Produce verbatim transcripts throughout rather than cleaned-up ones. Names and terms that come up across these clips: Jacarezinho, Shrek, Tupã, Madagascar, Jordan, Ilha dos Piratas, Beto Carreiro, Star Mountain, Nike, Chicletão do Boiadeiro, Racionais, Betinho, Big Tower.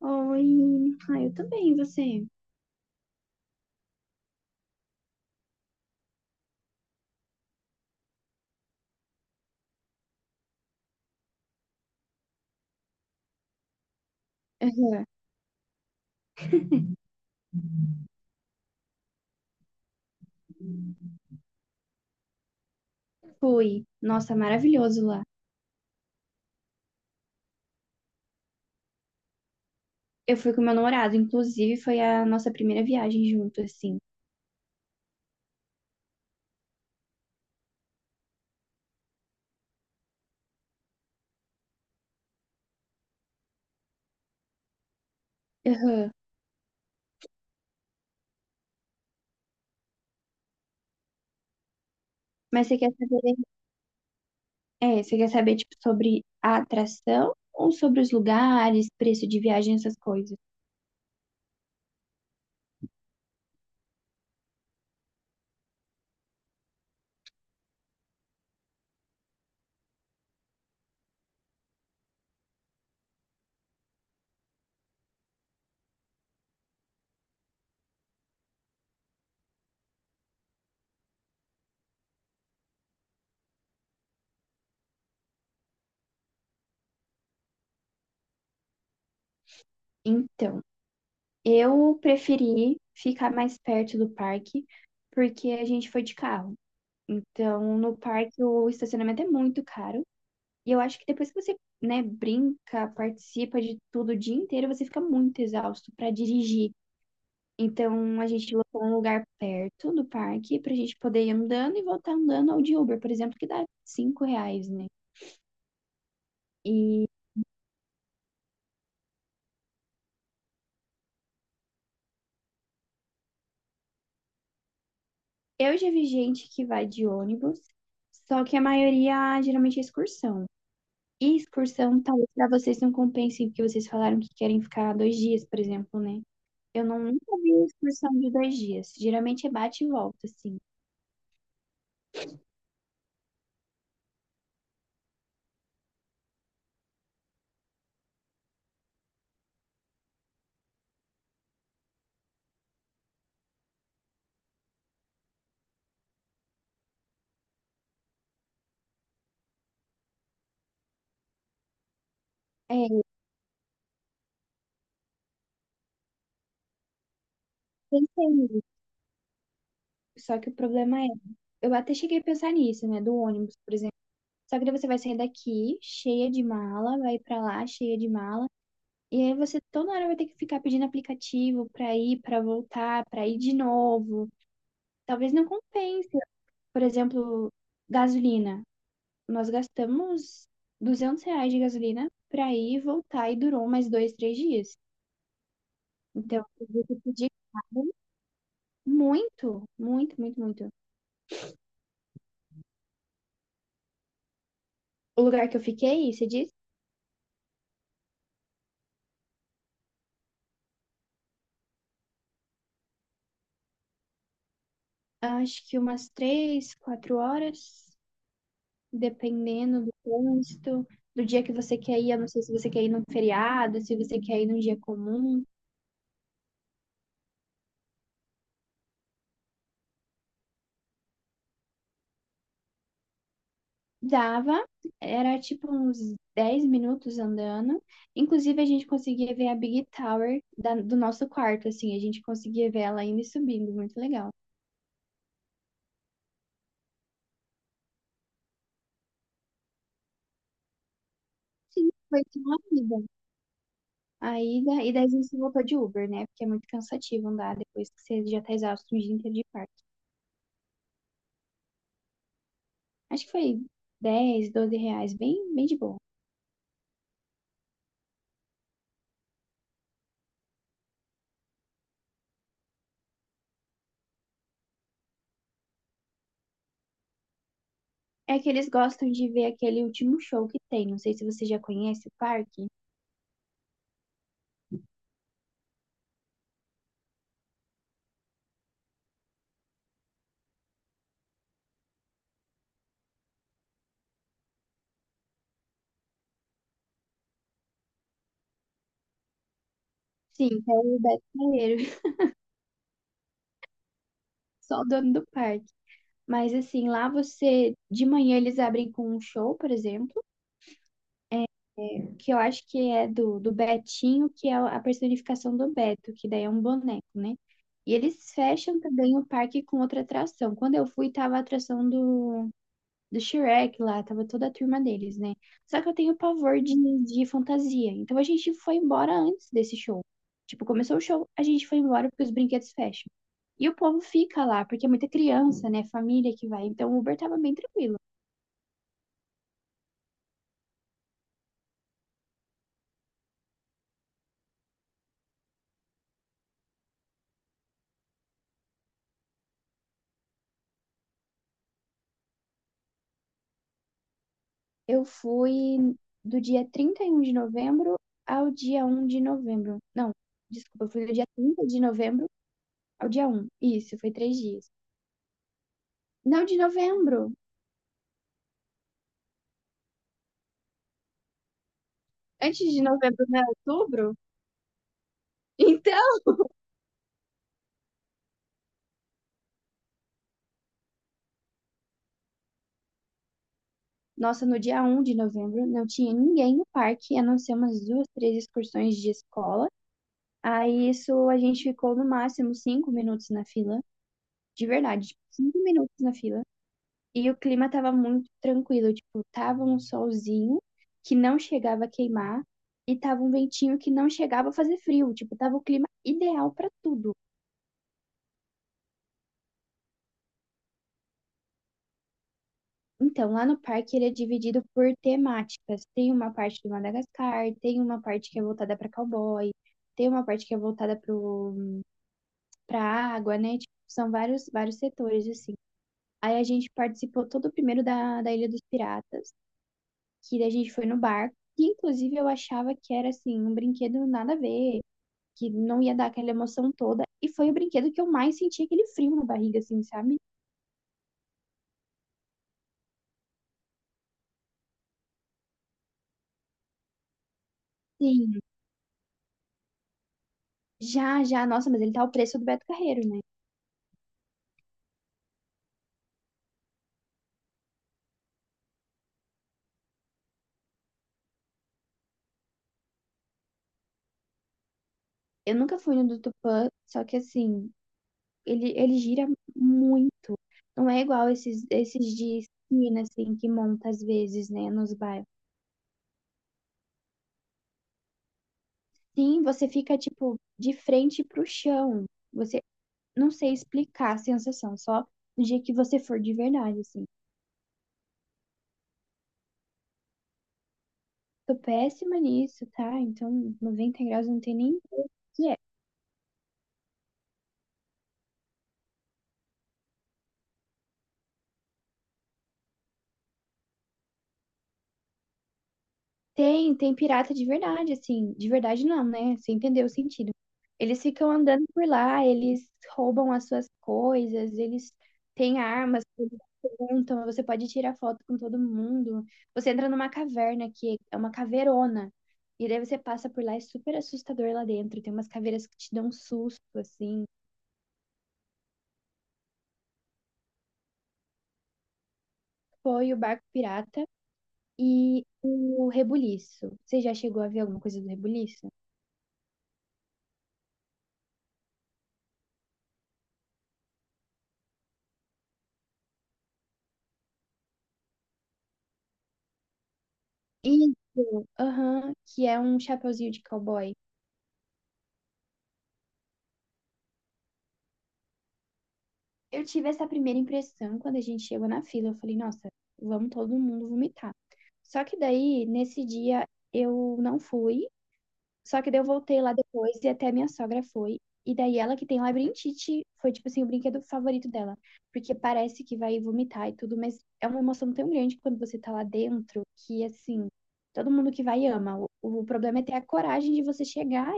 Oi. Ah, eu também, e você? Aham. Fui. Nossa, maravilhoso lá. Eu fui com meu namorado, inclusive foi a nossa primeira viagem junto, assim. Aham. Mas você quer saber, é, você quer saber, tipo, sobre a atração ou sobre os lugares, preço de viagem, essas coisas? Então, eu preferi ficar mais perto do parque, porque a gente foi de carro. Então, no parque o estacionamento é muito caro. E eu acho que depois que você, né, brinca, participa de tudo o dia inteiro, você fica muito exausto para dirigir. Então, a gente locou um lugar perto do parque pra gente poder ir andando e voltar andando ao de Uber, por exemplo, que dá cinco reais, né? E eu já vi gente que vai de ônibus, só que a maioria geralmente é excursão. E excursão, talvez pra vocês não compensem, porque vocês falaram que querem ficar dois dias, por exemplo, né? Eu não nunca vi excursão de dois dias. Geralmente é bate e volta, assim. É, Pensei só que o problema é, eu até cheguei a pensar nisso, né, do ônibus, por exemplo. Só que daí você vai sair daqui cheia de mala, vai pra lá cheia de mala, e aí você toda hora vai ter que ficar pedindo aplicativo pra ir, pra voltar, pra ir de novo. Talvez não compense. Por exemplo, gasolina. Nós gastamos duzentos reais de gasolina pra ir e voltar e durou mais dois, três dias. Então, eu tive que pedir caro muito, muito, muito, muito. O lugar que eu fiquei, você disse. Acho que umas três, quatro horas, dependendo do trânsito, do dia que você quer ir. Eu não sei se você quer ir num feriado, se você quer ir num dia comum. Dava, era tipo uns dez minutos andando. Inclusive, a gente conseguia ver a Big Tower da- do nosso quarto, assim, a gente conseguia ver ela indo e subindo, muito legal. Sim, foi tipo uma ida. A ida, e daí a gente voltou de Uber, né? Porque é muito cansativo andar depois que você já tá exausto o dia inteiro de parque. Acho que foi dez, doze reais, bem, bem de boa. É que eles gostam de ver aquele último show que tem. Não sei se você já conhece o parque. Sim, que é o Beto Carreiro, só o dono do parque. Mas assim, lá você, de manhã eles abrem com um show, por exemplo, é, que eu acho que é do, do Betinho, que é a personificação do Beto, que daí é um boneco, né? E eles fecham também o parque com outra atração. Quando eu fui, tava a atração do do Shrek lá, tava toda a turma deles, né? Só que eu tenho pavor de, de fantasia. Então a gente foi embora antes desse show. Tipo, começou o show, a gente foi embora porque os brinquedos fecham. E o povo fica lá, porque é muita criança, né? Família que vai. Então o Uber tava bem tranquilo. Eu fui do dia trinta e um de novembro ao dia um de novembro. Não, desculpa, eu fui do dia trinta de novembro ao dia um. Isso, foi três dias. Não, de novembro. Antes de novembro, não era outubro? Então. Nossa, no dia um de novembro não tinha ninguém no parque, a não ser umas duas, três excursões de escola. Aí isso a gente ficou no máximo cinco minutos na fila, de verdade, tipo, cinco minutos na fila. E o clima tava muito tranquilo, tipo, tava um solzinho que não chegava a queimar e tava um ventinho que não chegava a fazer frio, tipo, tava o clima ideal pra tudo. Então, lá no parque ele é dividido por temáticas. Tem uma parte de Madagascar, tem uma parte que é voltada para cowboy, tem uma parte que é voltada para água, né? Tipo, são vários, vários setores, assim. Aí a gente participou todo o primeiro da, da Ilha dos Piratas, que daí a gente foi no barco, que inclusive eu achava que era, assim, um brinquedo nada a ver, que não ia dar aquela emoção toda. E foi o brinquedo que eu mais senti aquele frio na barriga, assim, sabe? Sim, já, já. Nossa, mas ele tá o preço do Beto Carreiro, né? Eu nunca fui no do Tupã, só que assim, ele, ele gira muito. Não é igual esses, esses de esquina, assim, que monta às vezes, né, nos bairros. Sim, você fica, tipo, de frente pro chão. Você não sei explicar a sensação, só no dia que você for de verdade, assim. Tô péssima nisso, tá? Então, noventa graus não tem nem o que é. Tem, tem pirata de verdade, assim. De verdade não, né? Você entendeu o sentido. Eles ficam andando por lá, eles roubam as suas coisas, eles têm armas, eles perguntam, você pode tirar foto com todo mundo. Você entra numa caverna que é uma caveirona. E daí você passa por lá, é super assustador lá dentro. Tem umas caveiras que te dão um susto, assim. Foi o barco pirata e o rebuliço. Você já chegou a ver alguma coisa do rebuliço? Isso, aham, que é um chapeuzinho de cowboy. Eu tive essa primeira impressão quando a gente chegou na fila. Eu falei, nossa, vamos todo mundo vomitar. Só que daí, nesse dia, eu não fui. Só que daí eu voltei lá depois e até minha sogra foi. E daí ela que tem labirintite foi, tipo assim, o brinquedo favorito dela. Porque parece que vai vomitar e tudo, mas é uma emoção tão grande quando você tá lá dentro que, assim, todo mundo que vai ama. O, o problema é ter a coragem de você chegar.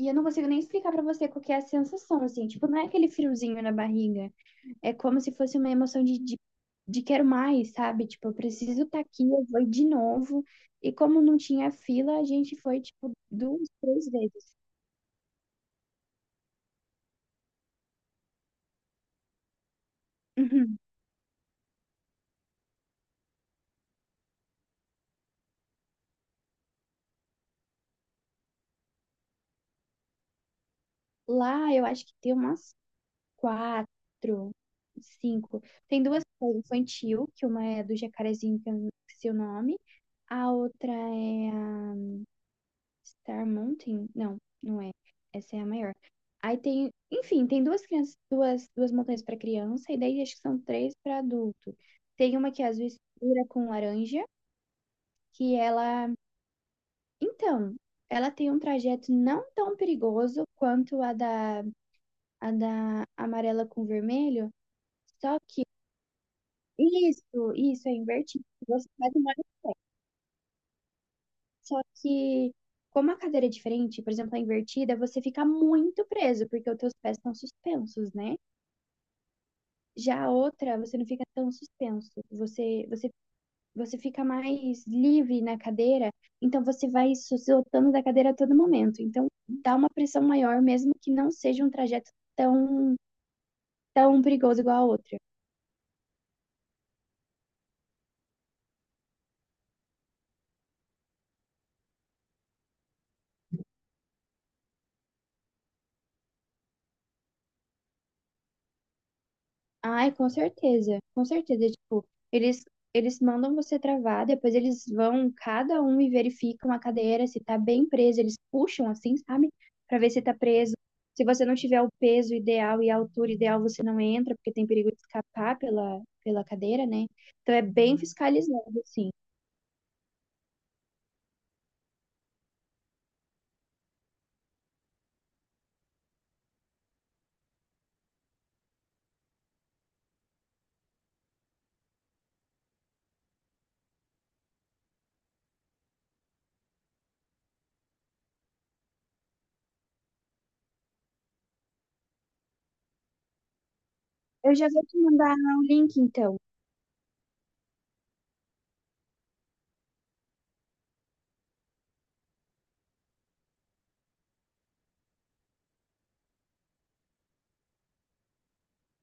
E eu não consigo nem explicar pra você qual que é a sensação, assim. Tipo, não é aquele friozinho na barriga. É como se fosse uma emoção de, de, de quero mais, sabe? Tipo, eu preciso estar aqui, eu vou de novo. E como não tinha fila, a gente foi, tipo, duas, três vezes. Uhum. Lá, eu acho que tem umas quatro, cinco. Tem duas que é infantil, que uma é do Jacarezinho, que eu não esqueci o nome. A outra é a Star Mountain? Não, não é. Essa é a maior. Aí tem, enfim, tem duas crianças, duas, duas montanhas para criança e daí acho que são três para adulto. Tem uma que é azul escura com laranja, que ela, então, ela tem um trajeto não tão perigoso quanto a da, a da amarela com vermelho, só que isso, isso é invertido. Você faz uma hora só que como a cadeira é diferente, por exemplo, a invertida, você fica muito preso porque os teus pés estão suspensos, né? Já a outra, você não fica tão suspenso. Você, você, você fica mais livre na cadeira, então você vai se soltando da cadeira a todo momento. Então dá uma pressão maior, mesmo que não seja um trajeto tão, tão perigoso igual a outra. Ai, com certeza, com certeza. Tipo, eles, eles mandam você travar, depois eles vão, cada um, e verificam a cadeira, se tá bem presa. Eles puxam assim, sabe? Pra ver se tá preso. Se você não tiver o peso ideal e a altura ideal, você não entra, porque tem perigo de escapar pela, pela cadeira, né? Então é bem fiscalizado, assim. Eu já vou te mandar o link, então.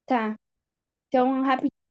Tá. Então, rapidinho.